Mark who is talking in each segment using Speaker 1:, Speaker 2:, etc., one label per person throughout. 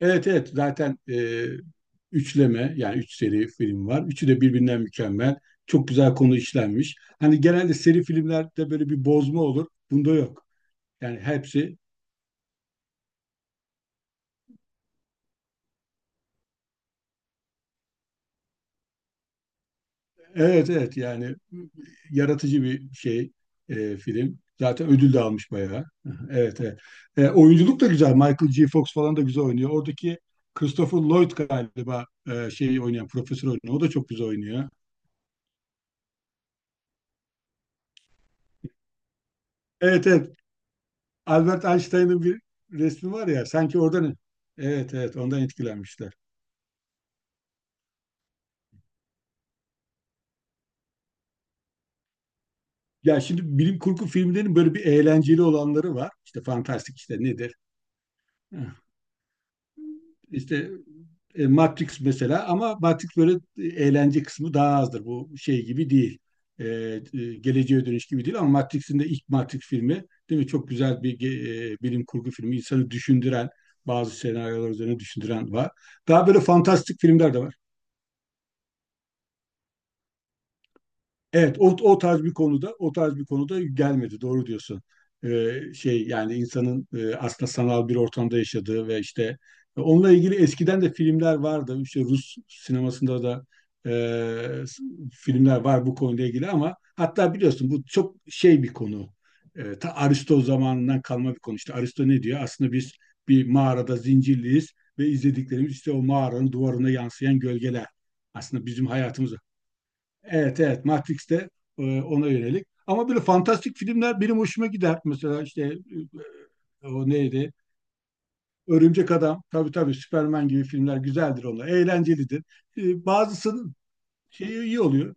Speaker 1: Evet evet zaten üçleme yani üç seri film var. Üçü de birbirinden mükemmel. Çok güzel konu işlenmiş. Hani genelde seri filmlerde böyle bir bozma olur. Bunda yok. Yani hepsi evet evet yani yaratıcı bir şey film. Zaten ödül de almış bayağı. Evet evet. Oyunculuk da güzel. Michael G. Fox falan da güzel oynuyor. Oradaki Christopher Lloyd galiba şeyi oynayan, profesör oynuyor. O da çok güzel oynuyor. Evet evet Albert Einstein'ın bir resmi var ya sanki oradan, evet evet, ondan etkilenmişler. Ya şimdi bilim kurgu filmlerinin böyle bir eğlenceli olanları var. İşte fantastik, işte nedir? İşte Matrix mesela, ama Matrix böyle eğlence kısmı daha azdır. Bu şey gibi değil. Geleceğe dönüş gibi değil, ama Matrix'in de ilk Matrix filmi, değil mi? Çok güzel bir bilim kurgu filmi. İnsanı düşündüren bazı senaryolar üzerine düşündüren var. Daha böyle fantastik filmler de var. Evet, o tarz bir konuda, o tarz bir konuda gelmedi. Doğru diyorsun. Şey yani insanın aslında sanal bir ortamda yaşadığı ve işte onunla ilgili eskiden de filmler vardı. İşte Rus sinemasında da e, s- filmler var bu konuyla ilgili, ama hatta biliyorsun bu çok şey bir konu. Ta Aristo zamanından kalma bir konu. İşte Aristo ne diyor? Aslında biz bir mağarada zincirliyiz ve izlediklerimiz işte o mağaranın duvarına yansıyan gölgeler. Aslında bizim hayatımız. Evet evet Matrix'te ona yönelik. Ama böyle fantastik filmler benim hoşuma gider. Mesela işte o neydi? Örümcek Adam. Tabii tabii, Superman gibi filmler güzeldir onlar. Eğlencelidir. Bazısının şeyi iyi oluyor.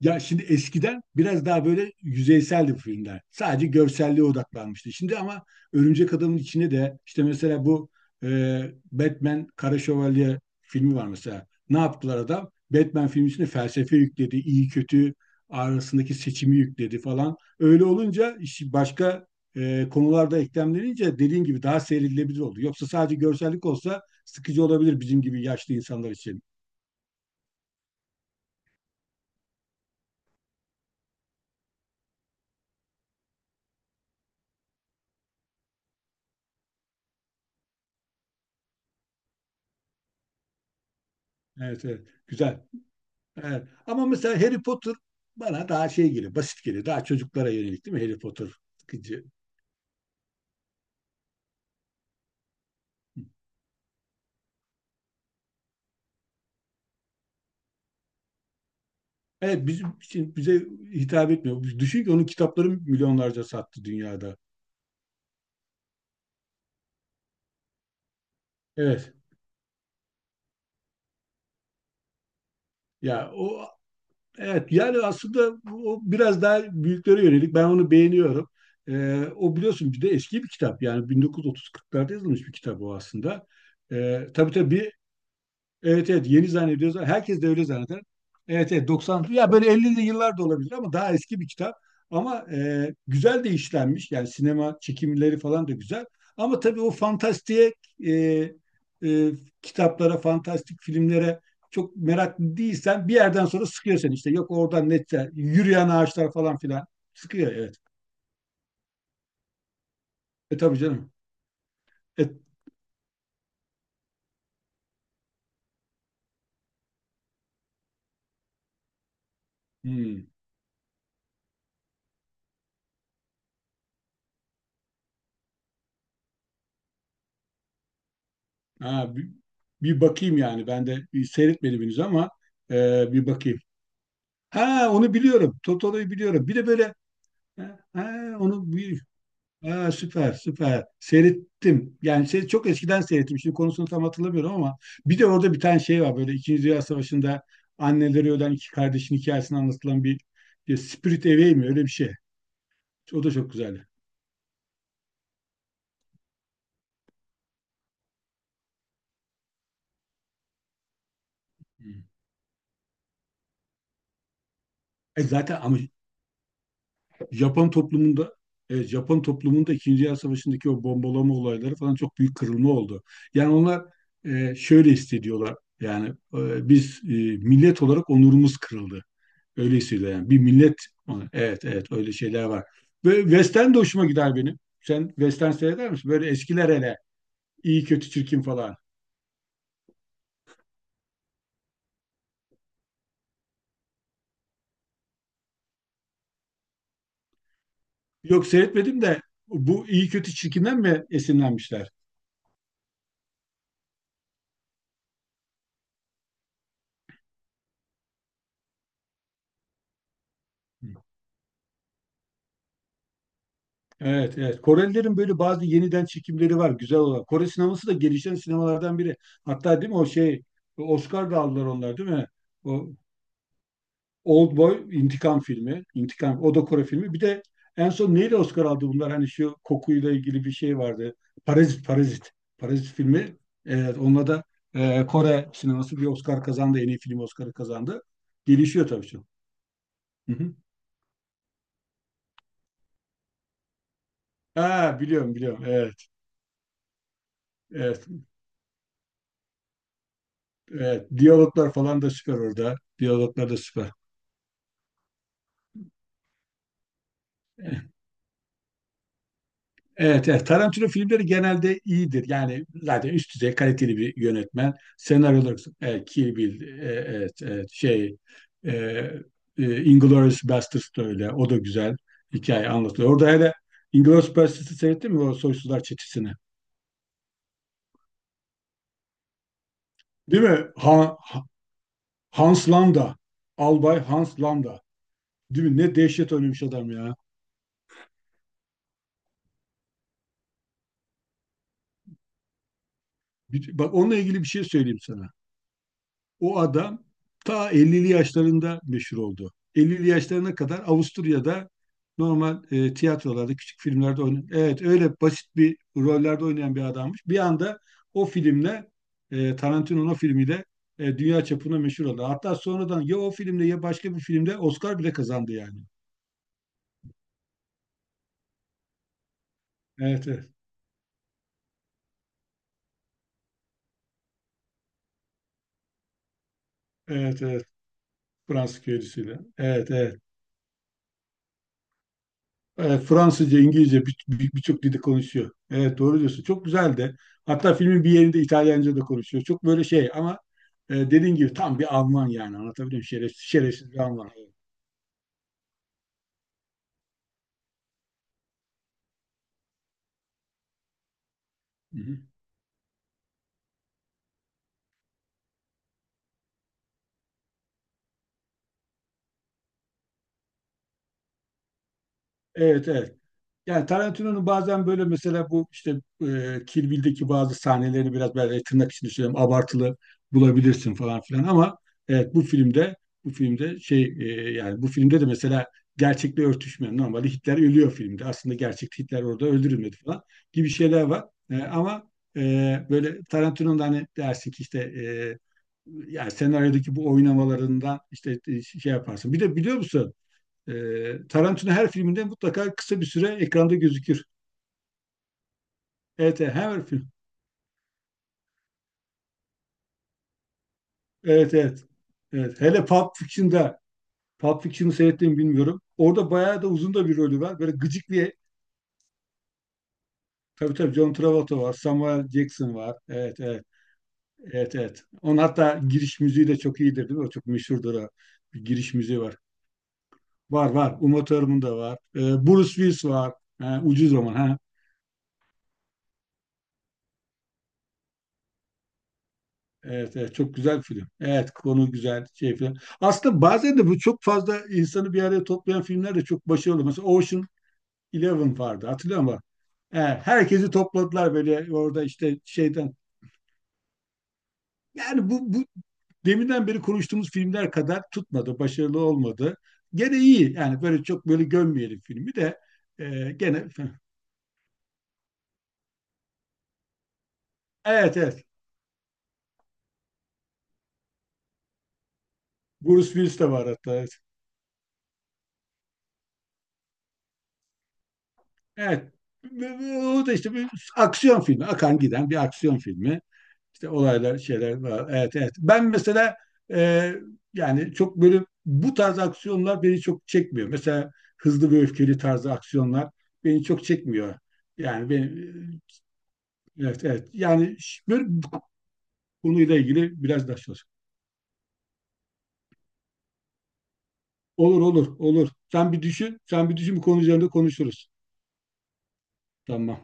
Speaker 1: Ya şimdi eskiden biraz daha böyle yüzeyseldi bu filmler. Sadece görselliğe odaklanmıştı. Şimdi ama Örümcek Adam'ın içinde de işte mesela bu e, Batman Kara Şövalye filmi var mesela. Ne yaptılar adam? Batman filmi içinde felsefe yükledi, iyi kötü arasındaki seçimi yükledi falan. Öyle olunca işi başka konularda eklemlenince, dediğin gibi, daha seyredilebilir oldu. Yoksa sadece görsellik olsa sıkıcı olabilir bizim gibi yaşlı insanlar için. Evet, evet. Güzel. Evet. Ama mesela Harry Potter bana daha şey geliyor, basit geliyor. Daha çocuklara yönelik değil mi Harry Potter? Sıkıcı. Evet bizim için, bize hitap etmiyor. Düşün ki onun kitapları milyonlarca sattı dünyada. Evet. Ya o, evet, yani aslında o biraz daha büyüklere yönelik. Ben onu beğeniyorum. O, biliyorsun, bir de eski bir kitap. Yani 1930-40'larda yazılmış bir kitap o aslında. Tabii. tabii Evet evet, yeni zannediyoruz. Herkes de öyle zanneder. Evet evet, 90 ya böyle 50'li yıllar da olabilir ama daha eski bir kitap. Ama güzel de işlenmiş. Yani sinema çekimleri falan da güzel. Ama tabii o fantastiğe e, e, kitaplara, fantastik filmlere çok meraklı değilsen bir yerden sonra sıkıyor seni işte. Yok oradan nette yürüyen ağaçlar falan filan sıkıyor, evet. E tabii canım. E, hmm. Ha, bir bakayım, yani ben de bir seyretmedim henüz ama bir bakayım. Ha, onu biliyorum. Totoro'yu biliyorum. Bir de böyle ha, ha, onu bir ha, süper süper seyrettim. Yani şey, çok eskiden seyrettim. Şimdi konusunu tam hatırlamıyorum ama bir de orada bir tane şey var, böyle İkinci Dünya Savaşı'nda anneleri ölen iki kardeşin hikayesini anlatılan bir Spirit Away mi öyle bir şey. O da çok güzeldi. Hmm. E zaten, ama Japon toplumunda, evet, Japon toplumunda İkinci Dünya Savaşı'ndaki o bombalama olayları falan çok büyük kırılma oldu. Yani onlar şöyle hissediyorlar. Yani biz millet olarak onurumuz kırıldı. Öyle hissediyor yani. Bir millet, evet evet, öyle şeyler var. Ve Western de hoşuma gider benim. Sen Western seyreder misin? Böyle eskiler hele. İyi kötü Çirkin falan. Yok, seyretmedim de bu iyi kötü Çirkinden mi esinlenmişler? Evet, evet. Korelilerin böyle bazı yeniden çekimleri var güzel olan. Kore sineması da gelişen sinemalardan biri. Hatta değil mi o şey, Oscar da aldılar onlar, değil mi? O Oldboy intikam filmi, intikam, o da Kore filmi. Bir de en son neyle Oscar aldı bunlar? Hani şu kokuyla ilgili bir şey vardı. Parazit, Parazit. Parazit filmi. Evet, onunla da Kore sineması bir Oscar kazandı. En iyi film Oscar'ı kazandı. Gelişiyor tabii çok. Hı hı. Ha, biliyorum biliyorum. Evet. Evet. Evet, diyaloglar falan da süper orada. Diyaloglar da süper. Evet, evet. Tarantino filmleri genelde iyidir. Yani zaten üst düzey kaliteli bir yönetmen. Senaryolar, Kill Bill, evet, evet, şey, e, Inglourious Basterds da öyle. O da güzel, hikaye anlatılıyor. Orada hele Inglourious Basterds'ı seyrettin mi, o Soysuzlar Çetesi'ni? Değil mi? Hans Landa. Albay Hans Landa. Değil mi? Ne dehşet oynamış adam ya. Bak, onunla ilgili bir şey söyleyeyim sana. O adam ta 50'li yaşlarında meşhur oldu. 50'li yaşlarına kadar Avusturya'da normal, tiyatrolarda, küçük filmlerde oynayan, evet öyle basit bir rollerde oynayan bir adammış. Bir anda o filmle, Tarantino'nun o filmiyle, dünya çapına meşhur oldu. Hatta sonradan ya o filmle ya başka bir filmde Oscar bile kazandı yani. Evet, evet, evet, evet. Fransız köylüsüyle. Evet, evet. Evet, Fransızca, İngilizce birçok dilde konuşuyor. Evet, doğru diyorsun. Çok güzel de. Hatta filmin bir yerinde İtalyanca da konuşuyor. Çok böyle şey, ama dediğin gibi tam bir Alman yani. Anlatabiliyor muyum? Şerefsiz, şerefsiz bir Alman. Hı hı. Evet evet. Yani Tarantino'nun bazen böyle mesela bu işte Kill Bill'deki bazı sahnelerini biraz böyle tırnak içinde söylüyorum, abartılı bulabilirsin falan filan, ama evet, bu filmde, şey, yani bu filmde de mesela gerçekle örtüşmeyen, normalde Hitler ölüyor filmde, aslında gerçekte Hitler orada öldürülmedi falan gibi şeyler var. Ama böyle Tarantino'nun da, hani dersin ki işte yani senaryodaki bu oynamalarından işte şey yaparsın. Bir de biliyor musun? Tarantino her filminde mutlaka kısa bir süre ekranda gözükür. Evet, evet, her film. Evet, evet. Evet. Hele Pulp Fiction'da. Pulp Fiction'ı seyrettiğimi bilmiyorum. Orada bayağı da uzun da bir rolü var. Böyle gıcık bir. Tabii tabii, John Travolta var, Samuel Jackson var. Evet, evet, evet, evet. Onun hatta giriş müziği de çok iyidir, değil mi? O çok meşhurdur o. Bir giriş müziği var. Var var. Uma Thurman da var. Bruce Willis var. Ha, ucuz zaman. Ha. Evet, evet, çok güzel film. Evet, konu güzel şey film. Aslında bazen de bu çok fazla insanı bir araya toplayan filmler de çok başarılı. Mesela Ocean Eleven vardı, hatırlıyor musun? He, herkesi topladılar böyle orada işte şeyden. Yani bu deminden beri konuştuğumuz filmler kadar tutmadı, başarılı olmadı. Gene iyi yani, böyle çok böyle gömmeyelim filmi de gene. Evet evet, Bruce Willis de var hatta. Evet. Evet. O da işte bir aksiyon filmi, akan giden bir aksiyon filmi. İşte olaylar, şeyler var. Evet, evet. Ben mesela e, yani çok böyle bu tarz aksiyonlar beni çok çekmiyor. Mesela hızlı ve öfkeli tarzı aksiyonlar beni çok çekmiyor. Yani beni, evet, evet. Yani böyle bu konuyla ilgili biraz daha çalış. Olur, olur, olur. Sen bir düşün, sen bir düşün, bu konu üzerinde konuşuruz. Tamam.